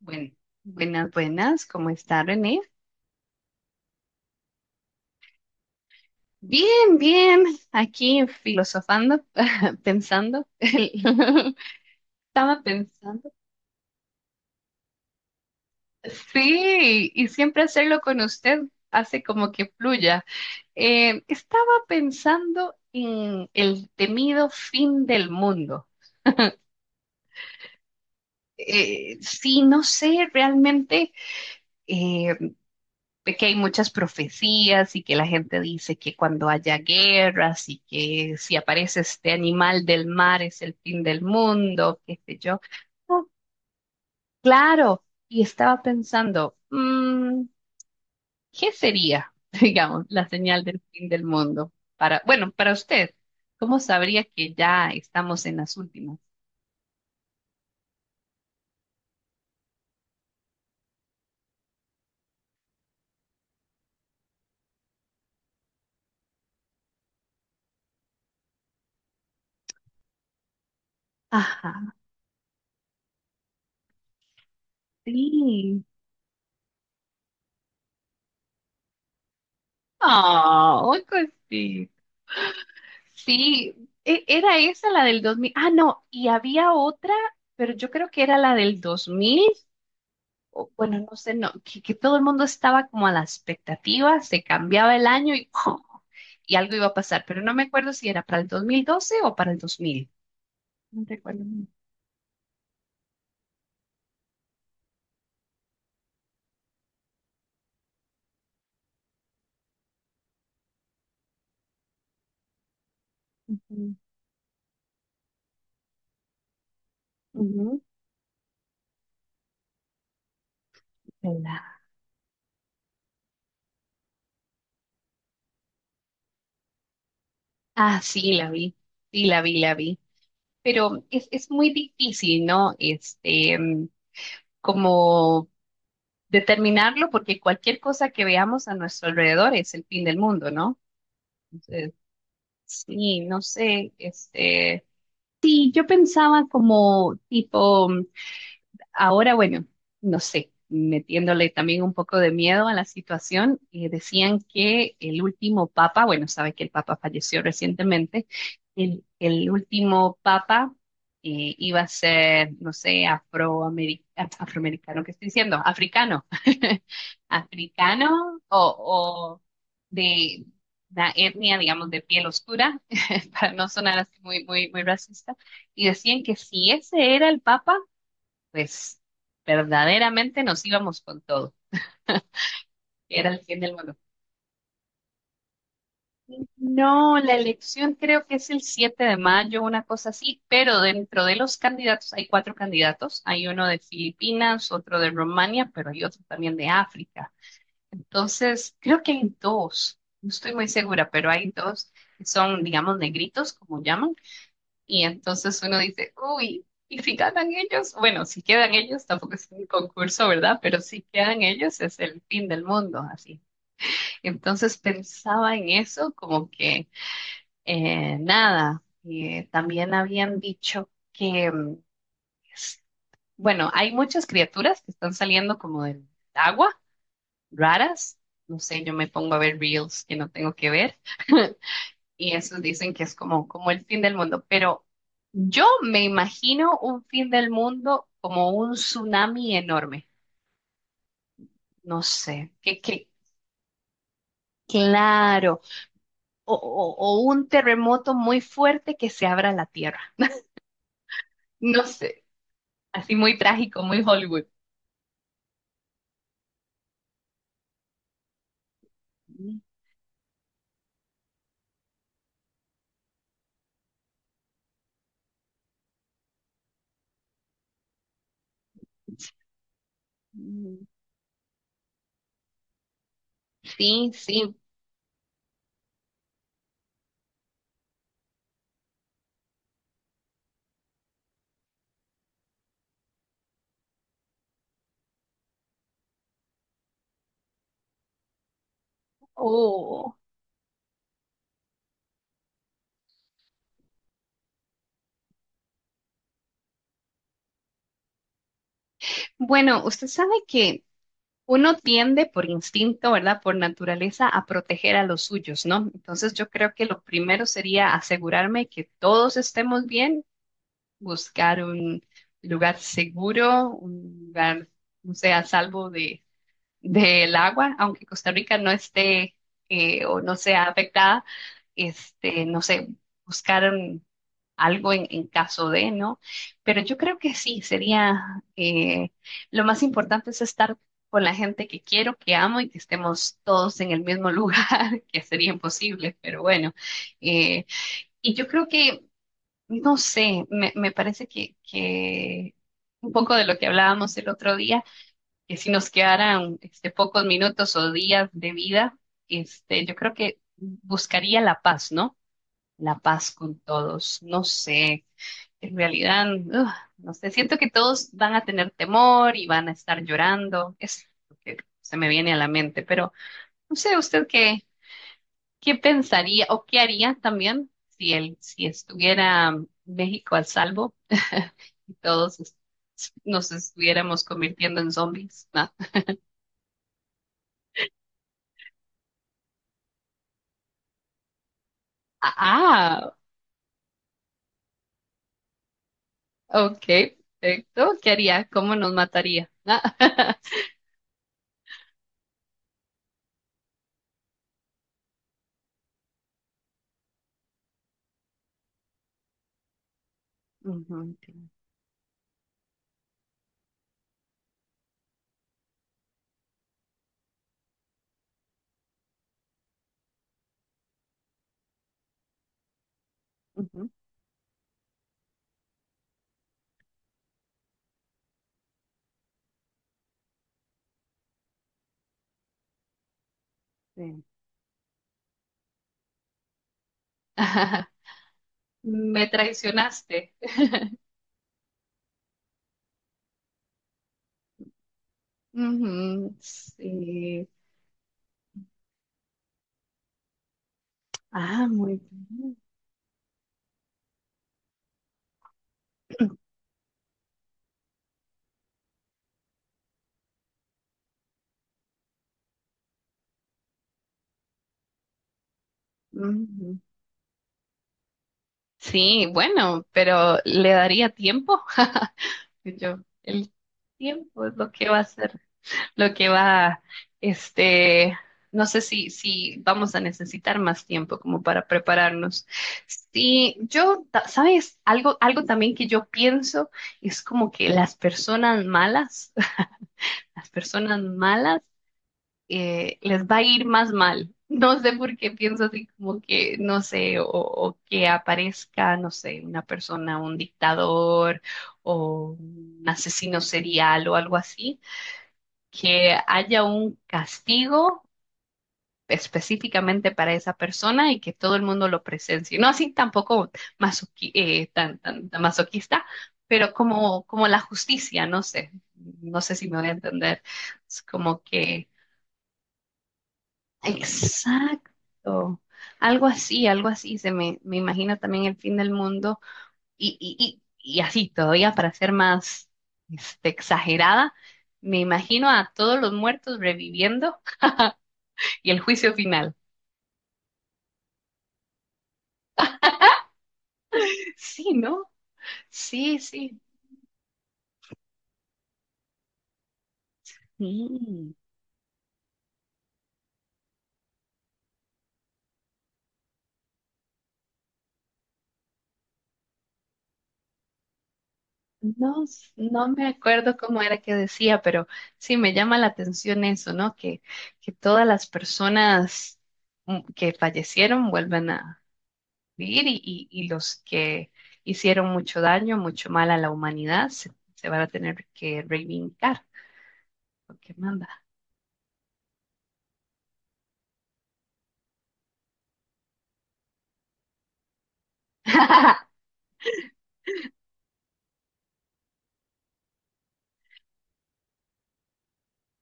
Bueno, buenas, buenas, ¿cómo está René? Bien, bien, aquí filosofando, pensando. Estaba pensando. Sí, y siempre hacerlo con usted hace como que fluya. Estaba pensando en el temido fin del mundo. Sí, no sé realmente. eh, que hay muchas profecías y que la gente dice que cuando haya guerras y que si aparece este animal del mar es el fin del mundo, qué sé yo. Oh, claro, y estaba pensando, ¿qué sería, digamos, la señal del fin del mundo? Para, bueno, para usted, ¿cómo sabría que ya estamos en las últimas? Ajá, sí. Oh, sí, era esa la del 2000. Ah, no, y había otra, pero yo creo que era la del 2000. O bueno, no sé, no, que todo el mundo estaba como a la expectativa, se cambiaba el año y, ¡pum! Y algo iba a pasar, pero no me acuerdo si era para el dos mil doce o para el dos mil. No recuerdo. Ujú, ujú. ¿Verdad? Ah, sí, la vi, la vi. Pero es muy difícil, ¿no? Este, como determinarlo porque cualquier cosa que veamos a nuestro alrededor es el fin del mundo, ¿no? Entonces, sí, no sé, este, sí, yo pensaba como tipo ahora, bueno, no sé, metiéndole también un poco de miedo a la situación, decían que el último papa, bueno, sabe que el papa falleció recientemente, el último papa iba a ser, no sé, afroamericano, ¿qué estoy diciendo? Africano, africano o de la etnia, digamos, de piel oscura, para no sonar así muy racista, y decían que si ese era el papa, pues verdaderamente nos íbamos con todo. Era el fin del mundo. No, la elección creo que es el 7 de mayo, una cosa así, pero dentro de los candidatos hay cuatro candidatos. Hay uno de Filipinas, otro de Rumania, pero hay otro también de África. Entonces, creo que hay dos, no estoy muy segura, pero hay dos que son, digamos, negritos, como llaman. Y entonces uno dice, uy, ¿y si ganan ellos? Bueno, si quedan ellos, tampoco es un concurso, ¿verdad? Pero si quedan ellos es el fin del mundo, así. Entonces pensaba en eso como que nada, también habían dicho que, s- bueno, hay muchas criaturas que están saliendo como del agua, raras. No sé, yo me pongo a ver reels que no tengo que ver. Y esos dicen que es como, como el fin del mundo, pero yo me imagino un fin del mundo como un tsunami enorme, no sé, que claro, o un terremoto muy fuerte que se abra la tierra, no sé, así muy trágico, muy Hollywood. Mm, sí, sí. Oh. Bueno, usted sabe que uno tiende por instinto, ¿verdad? Por naturaleza a proteger a los suyos, ¿no? Entonces yo creo que lo primero sería asegurarme que todos estemos bien, buscar un lugar seguro, un lugar, no sé, a salvo del agua, aunque Costa Rica no esté o no sea afectada, este, no sé, buscar un- algo en caso de, ¿no? Pero yo creo que sí, sería lo más importante es estar con la gente que quiero, que amo y que estemos todos en el mismo lugar, que sería imposible, pero bueno. eh, y yo creo que, no sé, me parece que un poco de lo que hablábamos el otro día, que si nos quedaran este, pocos minutos o días de vida, este, yo creo que buscaría la paz, ¿no? La paz con todos. No sé, en realidad, ugh, no sé, siento que todos van a tener temor y van a estar llorando, es lo que se me viene a la mente, pero no sé usted qué, qué pensaría o qué haría también si él, si estuviera México al salvo y nos estuviéramos convirtiendo en zombies. ¿No? Ah, ok, perfecto. ¿Qué haría? ¿Cómo nos mataría? ¿No? Ujú, ujú, sí. Me traicionaste. Ujú, sí. Ah, muy bien. Ujú. Sí, bueno, pero le daría tiempo. Yo, el tiempo es lo que va a hacer, lo que va, este, no sé si, si vamos a necesitar más tiempo como para prepararnos. Sí, yo, ¿sabes? Algo, algo también que yo pienso es como que las personas malas, las personas malas les va a ir más mal. No sé por qué pienso así como que, no sé, o que aparezca, no sé, una persona, un dictador o un asesino serial o algo así, que haya un castigo específicamente para esa persona y que todo el mundo lo presencie. No así tampoco tan, tan, tan masoquista, pero como, como la justicia, no sé, no sé si me voy a entender. Es como que exacto. Algo así, algo así. Me imagino también el fin del mundo y, y, y así todavía para ser más este, exagerada, me imagino a todos los muertos reviviendo y el juicio final. Sí, ¿no? Sí, sí. Mm. No, no me acuerdo cómo era que decía, pero sí me llama la atención eso, ¿no? Que todas las personas que fallecieron vuelven a vivir y, y los que hicieron mucho daño, mucho mal a la humanidad, se van a tener que reivindicar, porque manda.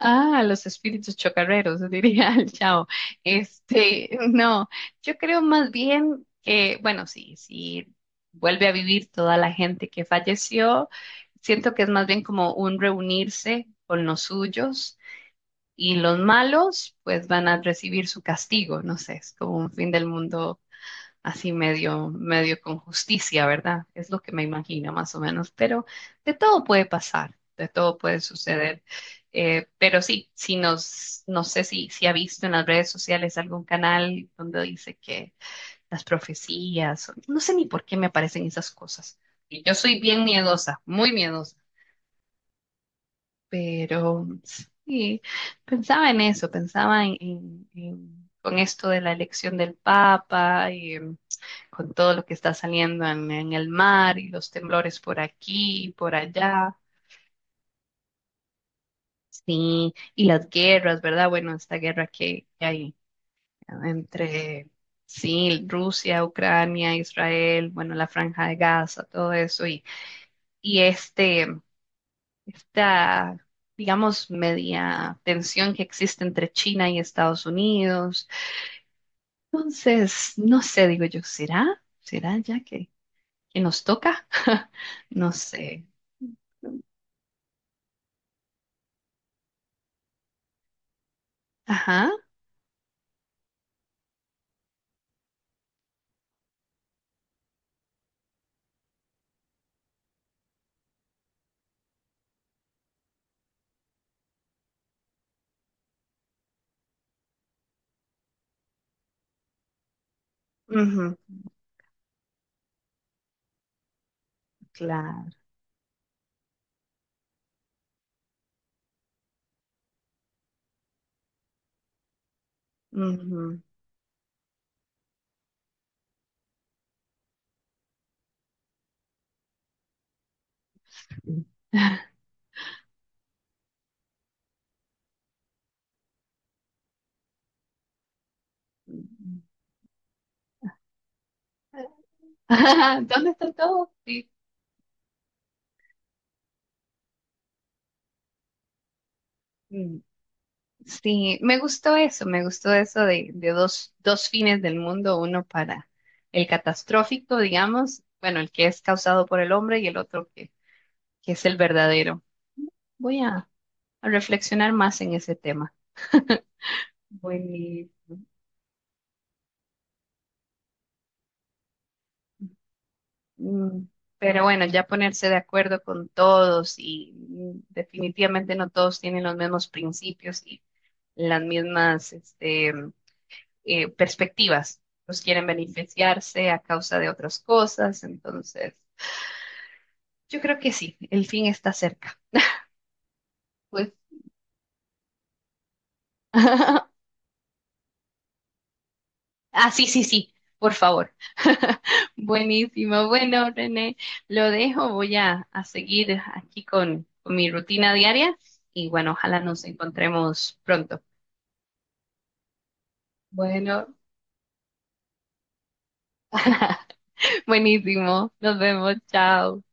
Ah, los espíritus chocarreros, diría el chavo. Este, no, yo creo más bien que, bueno, sí, sí, vuelve a vivir toda la gente que falleció. Siento que es más bien como un reunirse con los suyos y los malos pues van a recibir su castigo, no sé, es como un fin del mundo así medio, medio con justicia, ¿verdad? Es lo que me imagino más o menos, pero de todo puede pasar, de todo puede suceder. Pero sí, si nos, no sé si, si ha visto en las redes sociales algún canal donde dice que las profecías, no sé ni por qué me aparecen esas cosas. Y yo soy bien miedosa, muy miedosa, pero sí, pensaba en eso, pensaba con esto de la elección del Papa con todo lo que está saliendo en el mar y los temblores por aquí y por allá. Sí, y las guerras, ¿verdad? Bueno, esta guerra que hay entre, sí, Rusia, Ucrania, Israel, bueno, la Franja de Gaza, todo eso, y este, esta, digamos, media tensión que existe entre China y Estados Unidos. Entonces, no sé, digo yo, ¿será? ¿Será ya que nos toca? No sé. Ajá. Ujú, claro. Ujú. Mm. ¿Dónde está todo? Sí. Mm, sí, me gustó eso de dos, dos fines del mundo, uno para el catastrófico, digamos, bueno, el que es causado por el hombre y el otro que es el verdadero. Voy a reflexionar más en ese tema. Bueno. Mm, pero bueno, ya ponerse de acuerdo con todos y mm, definitivamente no todos tienen los mismos principios y las mismas este, perspectivas. Los quieren beneficiarse a causa de otras cosas. Entonces, yo creo que sí, el fin está cerca. Pues. Ah, sí, sí, sí, por favor. Buenísimo. Bueno, René, lo dejo. Voy a seguir aquí con mi rutina diaria y bueno, ojalá nos encontremos pronto. Bueno, buenísimo. Nos vemos. Chao.